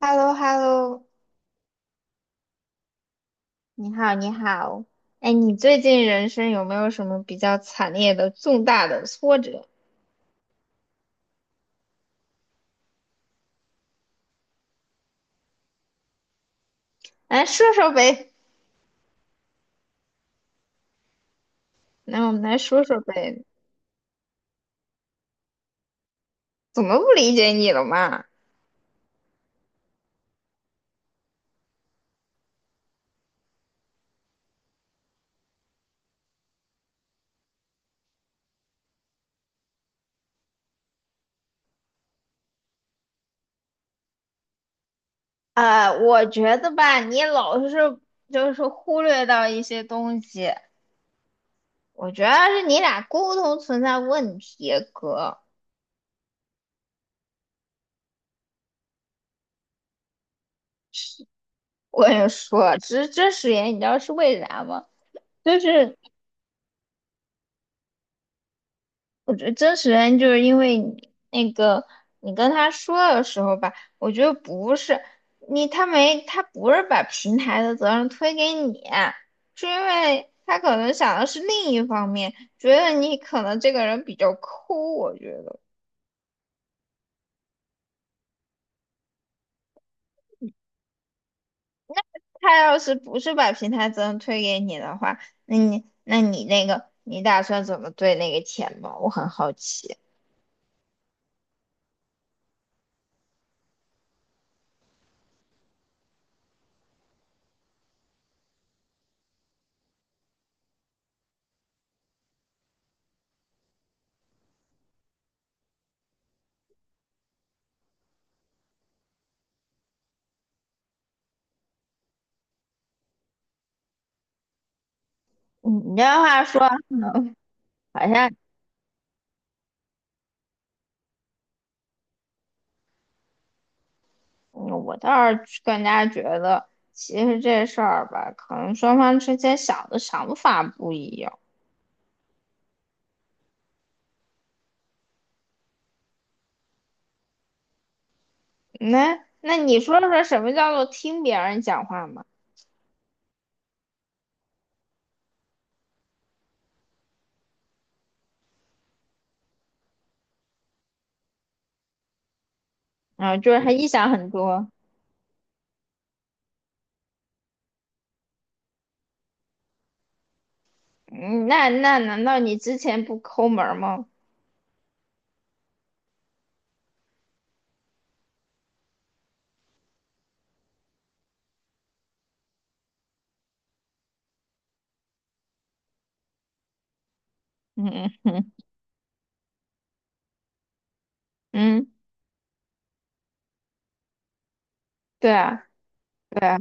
h e l l o h e l l o 你好，你好。哎，你最近人生有没有什么比较惨烈的、重大的挫折？来说说呗。那我们来说说呗，怎么不理解你了嘛？我觉得吧，你老是忽略到一些东西，我觉得是你俩沟通存在问题，哥。我跟你说，这誓言你知道是为啥吗？就是我觉得真实原因就是因为你那个你跟他说的时候吧，我觉得不是你，他不是把平台的责任推给你，是因为他可能想的是另一方面，觉得你可能这个人比较抠，我觉得他要是不是把平台责任推给你的话，那你那个你打算怎么对那个钱吗？我很好奇。嗯你这话说，好像嗯我倒是更加觉得，其实这事儿吧，可能双方之间想的想法不一样。那你说说什么叫做听别人讲话嘛？啊，就是他臆想很多。嗯，那难道你之前不抠门儿吗？嗯嗯 嗯嗯。对啊，对啊，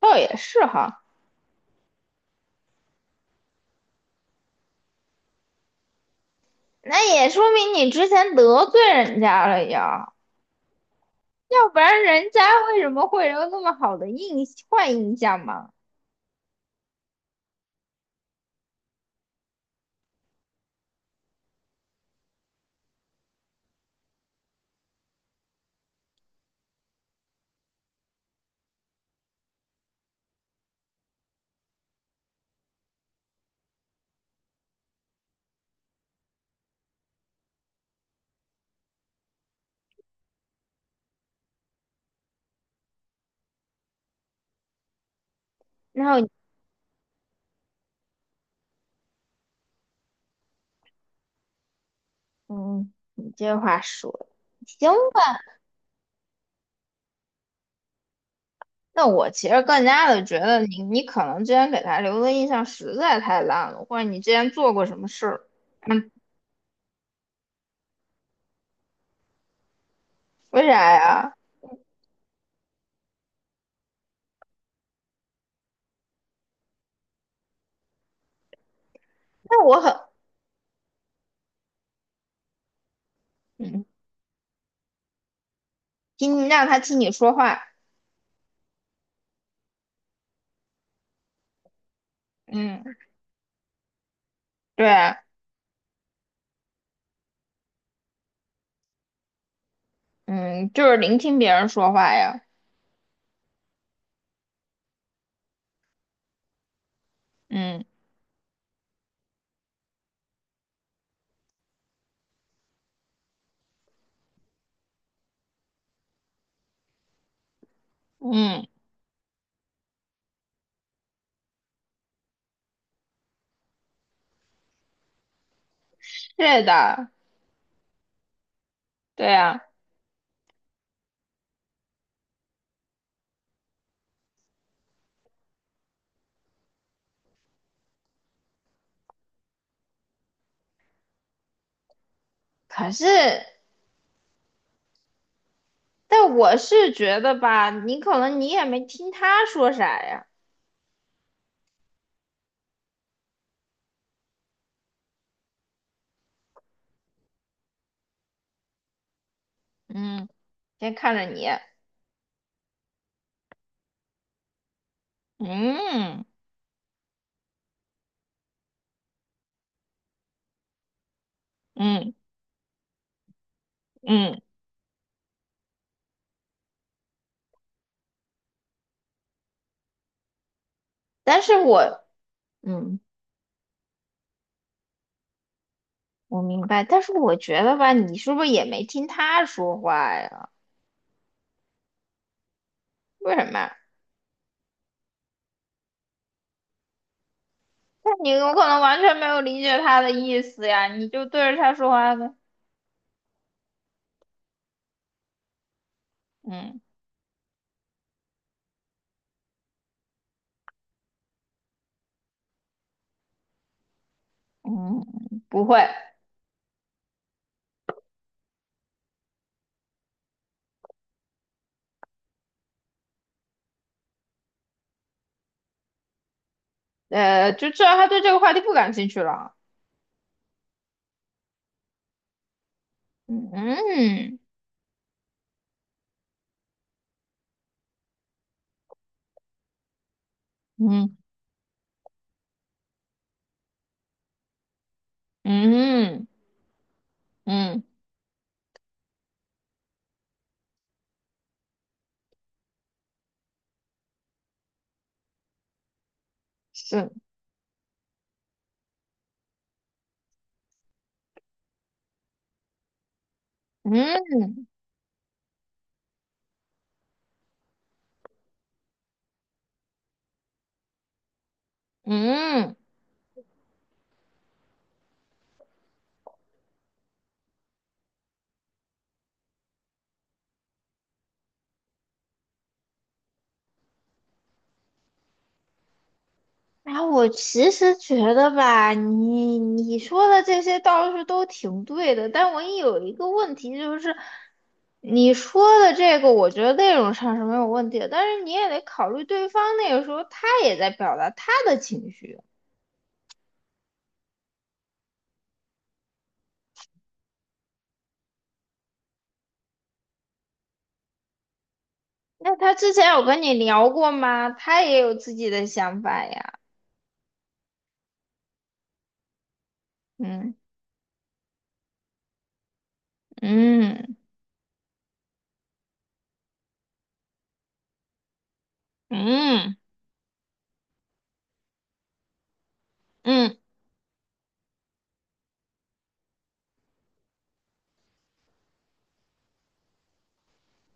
倒也是哈。那也说明你之前得罪人家了呀，要不然人家为什么会有那么好的印坏印象嘛？然后。嗯，你这话说的行吧？那我其实更加的觉得你，你可能之前给他留的印象实在太烂了，或者你之前做过什么事儿？嗯，为啥呀？那我很，嗯，听让他听你说话，嗯，对。嗯，就是聆听别人说话呀，嗯嗯，是的，对呀。可是，但我是觉得吧，你可能你也没听他说啥呀，嗯，先看着你。嗯。嗯。嗯，但是我，嗯，我明白，但是我觉得吧，你是不是也没听他说话呀？为什么呀？那你有可能完全没有理解他的意思呀，你就对着他说话呗。嗯嗯，不会。呃，就知道他对这个话题不感兴趣了。嗯嗯。嗯嗯嗯，是，嗯嗯。然后我其实觉得吧，你你说的这些倒是都挺对的，但我也有一个问题，就是你说的这个，我觉得内容上是没有问题的，但是你也得考虑对方那个时候他也在表达他的情绪，那他之前有跟你聊过吗？他也有自己的想法呀，嗯嗯。嗯嗯。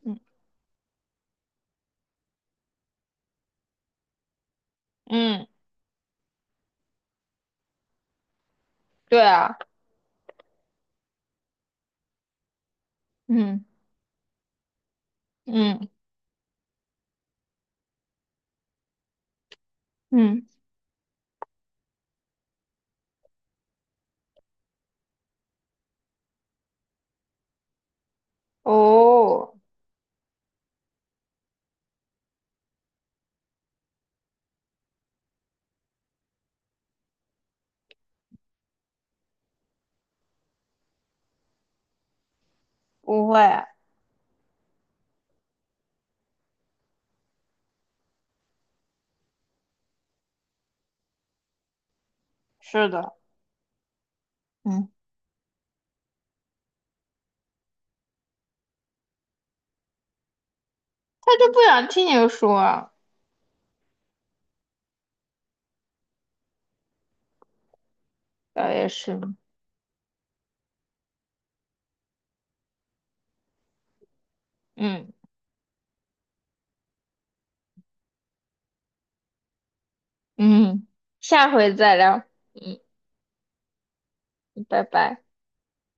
嗯嗯，对啊，嗯嗯嗯，哦，不会，是的。嗯。不想听你说啊，倒也是，嗯嗯，下回再聊，嗯，拜拜。